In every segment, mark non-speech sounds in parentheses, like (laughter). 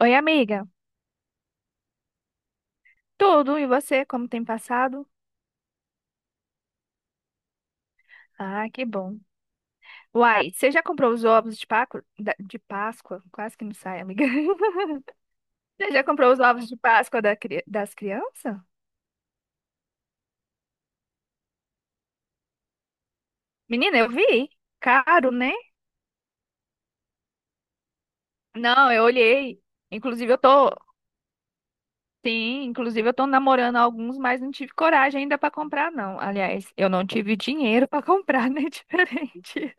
Oi, amiga. Tudo, e você? Como tem passado? Ah, que bom. Uai, você já comprou os ovos de de Páscoa? Quase que não sai, amiga. (laughs) Você já comprou os ovos de Páscoa da das crianças? Menina, eu vi. Caro, né? Não, eu olhei. Inclusive, eu tô. Sim, inclusive eu tô namorando alguns, mas não tive coragem ainda pra comprar, não. Aliás, eu não tive dinheiro (laughs) pra comprar, né? (laughs) Diferente.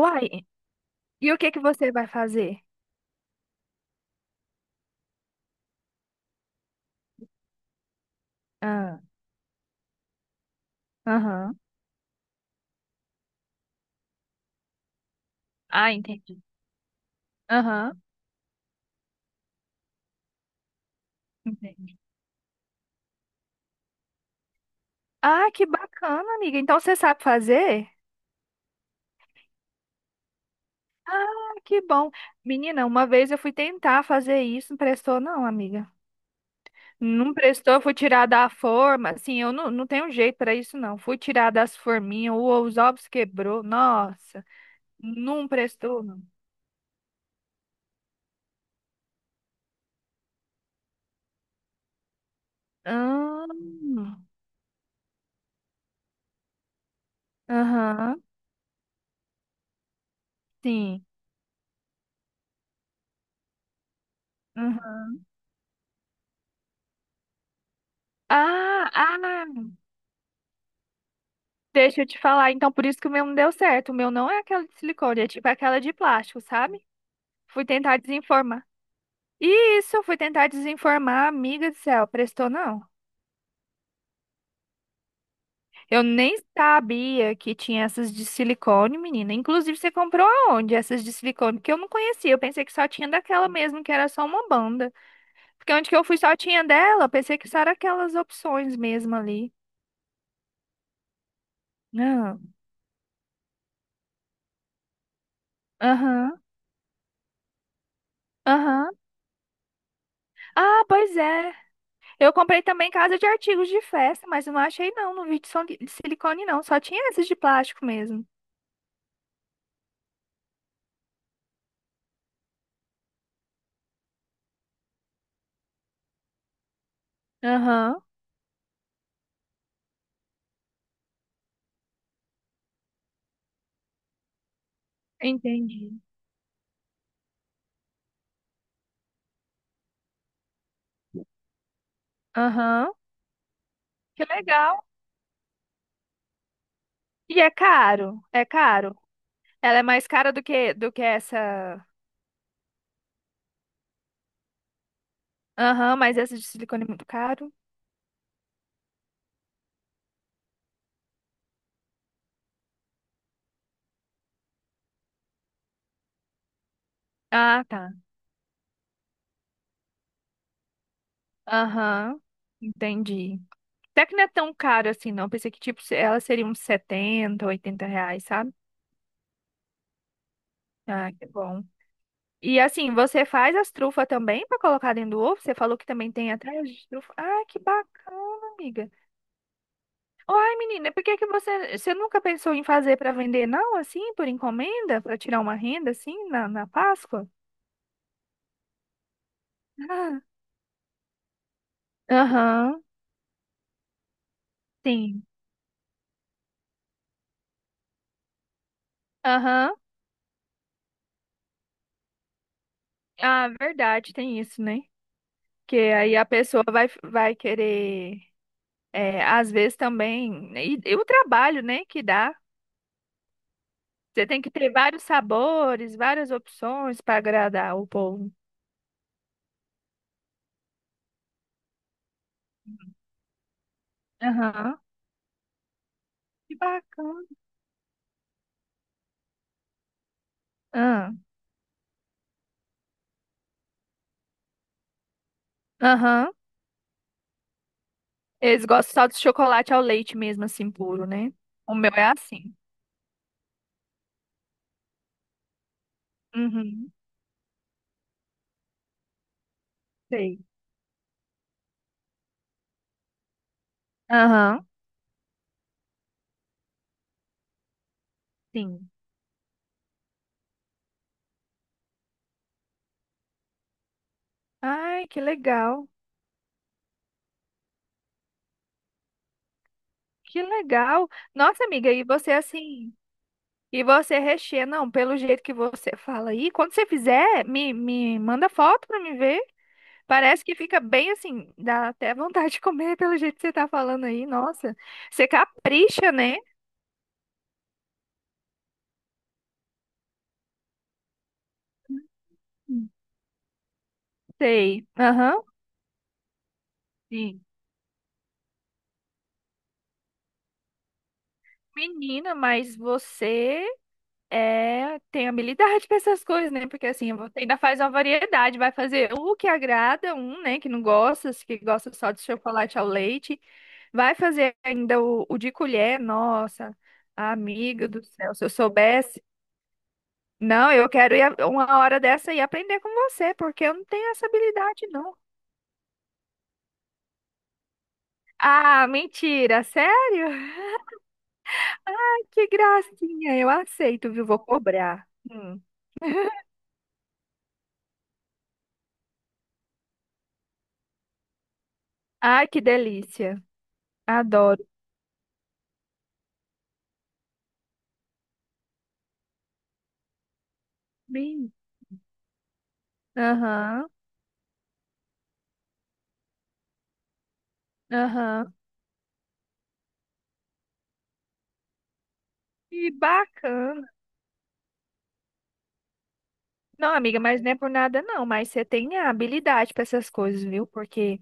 Uai, e o que você vai fazer? Ah, aham. Ah, entendi. Aham. Ah, que bacana, amiga. Então você sabe fazer? Ah, que bom. Menina, uma vez eu fui tentar fazer isso, não prestou não, amiga. Não prestou, fui tirar da forma. Assim, eu não tenho jeito para isso não. Fui tirar das forminhas, os ovos quebrou. Nossa, não prestou não. Ah, aham, sim. Aham. Ah, ah, deixa eu te falar. Então, por isso que o meu não deu certo. O meu não é aquela de silicone, é tipo aquela de plástico, sabe? Fui tentar desenformar. E isso, eu fui tentar desinformar, amiga do céu, prestou não. Eu nem sabia que tinha essas de silicone, menina. Inclusive, você comprou aonde essas de silicone? Porque eu não conhecia, eu pensei que só tinha daquela mesmo, que era só uma banda. Porque onde que eu fui só tinha dela, eu pensei que só era aquelas opções mesmo ali. Ah, aham, aham. Ah, pois é. Eu comprei também casa de artigos de festa, mas eu não achei não, não vi de de silicone não, só tinha essas de plástico mesmo. Aham, entendi. Aham. Que legal. E é caro, é caro. Ela é mais cara do que essa. Aham, mas essa de silicone é muito caro. Ah, tá. Aham. Entendi. Até que não é tão caro assim, não. Pensei que tipo ela seria uns 70, 80 reais, sabe? Ah, que bom. E assim, você faz as trufas também pra colocar dentro do ovo? Você falou que também tem atrás de trufa. Ah, que bacana, amiga. Uai, menina, por que que você nunca pensou em fazer para vender, não, assim, por encomenda, para tirar uma renda, assim, na Páscoa? Ah, aham, sim. Aham. Ah, verdade, tem isso, né? Que aí a pessoa vai querer, é, às vezes também, né, e o trabalho, né, que dá. Você tem que ter vários sabores, várias opções para agradar o povo. Aham. Que bacana. Ah, aham. Eles gostam só de chocolate ao leite mesmo, assim, puro, né? O meu é assim. Uhum, sei. Aham, sim. Ai, que legal. Que legal. Nossa, amiga, e você assim, e você recheia, não, pelo jeito que você fala aí, quando você fizer, me manda foto pra me ver. Parece que fica bem assim, dá até vontade de comer (laughs) pelo jeito que você tá falando aí. Nossa, você capricha, né? Sei. Aham. Sim. Menina, mas você é, tem habilidade para essas coisas, né? Porque assim, você ainda faz uma variedade, vai fazer o que agrada um, né, que não gosta, que gosta só de chocolate ao leite, vai fazer ainda o de colher, nossa, amiga do céu, se eu soubesse, não, eu quero ir uma hora dessa e aprender com você, porque eu não tenho essa habilidade, não. Ah, mentira, sério? (laughs) Que gracinha, eu aceito, viu? Vou cobrar. Hum. Ai, que delícia, adoro. Bem, aham. Aham. Que bacana. Não, amiga, mas não é por nada não, mas você tem a habilidade para essas coisas, viu? Porque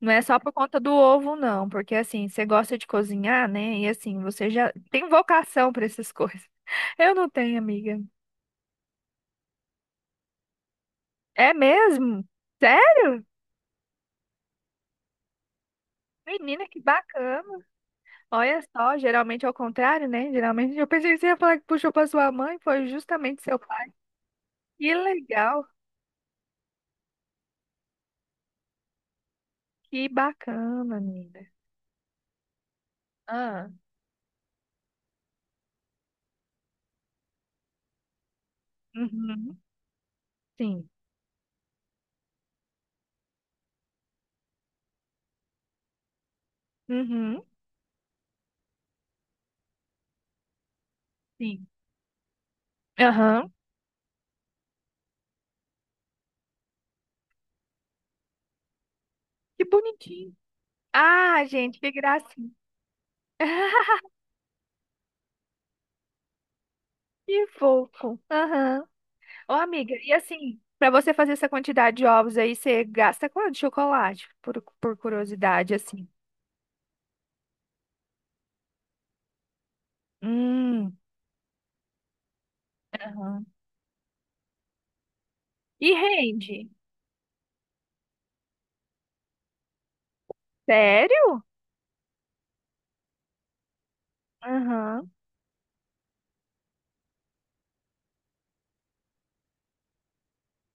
não é só por conta do ovo não, porque assim, você gosta de cozinhar, né? E assim, você já tem vocação para essas coisas. (laughs) Eu não tenho, amiga. É mesmo? Sério? Menina, que bacana. Olha só, geralmente é o contrário, né? Geralmente eu pensei que você ia falar que puxou para sua mãe, foi justamente seu pai. Que legal. Que bacana, menina. Ah, uhum. Sim. Uhum. Sim. Aham. Que bonitinho. Ah, gente, que gracinha. (laughs) Que fofo. Aham. Ô, amiga, e assim, pra você fazer essa quantidade de ovos aí, você gasta quanto de chocolate? Por curiosidade, assim. Hum. Aham. E rende? Sério? Aham.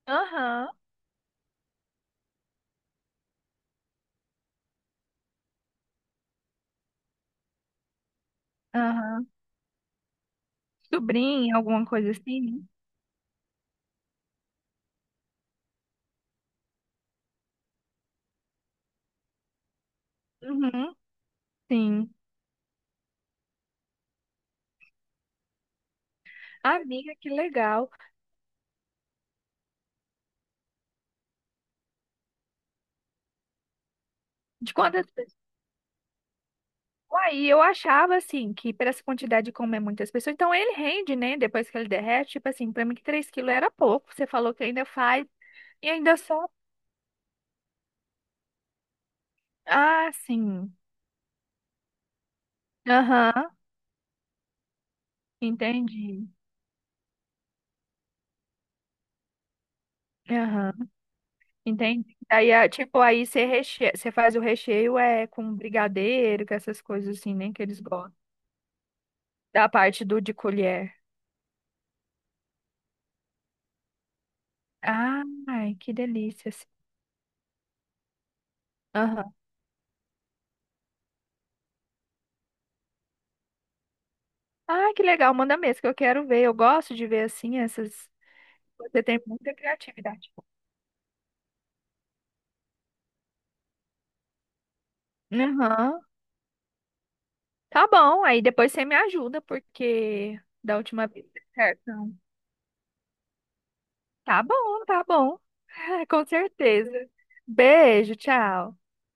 Aham. Aham. Sobrinho, alguma coisa assim? Né? Uhum. Sim. Amiga, que legal. De quantas? Aí eu achava assim que para essa quantidade de comer muitas pessoas, então ele rende, né? Depois que ele derrete, tipo assim, para mim que 3 quilos era pouco. Você falou que ainda faz e ainda só. Ah, sim. Aham, entendi. Aham, entendi. Aí, ah, tipo, aí você reche... você faz o recheio é com brigadeiro, com essas coisas assim, né? Que eles gostam. Da parte do de colher. Ai, que delícia. Assim. Aham. Ah, que legal, manda mesmo que eu quero ver. Eu gosto de ver assim essas. Você tem muita criatividade. Aham. Tá bom, aí depois você me ajuda, porque da última vez não deu certo. Não. Tá bom, tá bom. (laughs) Com certeza. Beijo, tchau.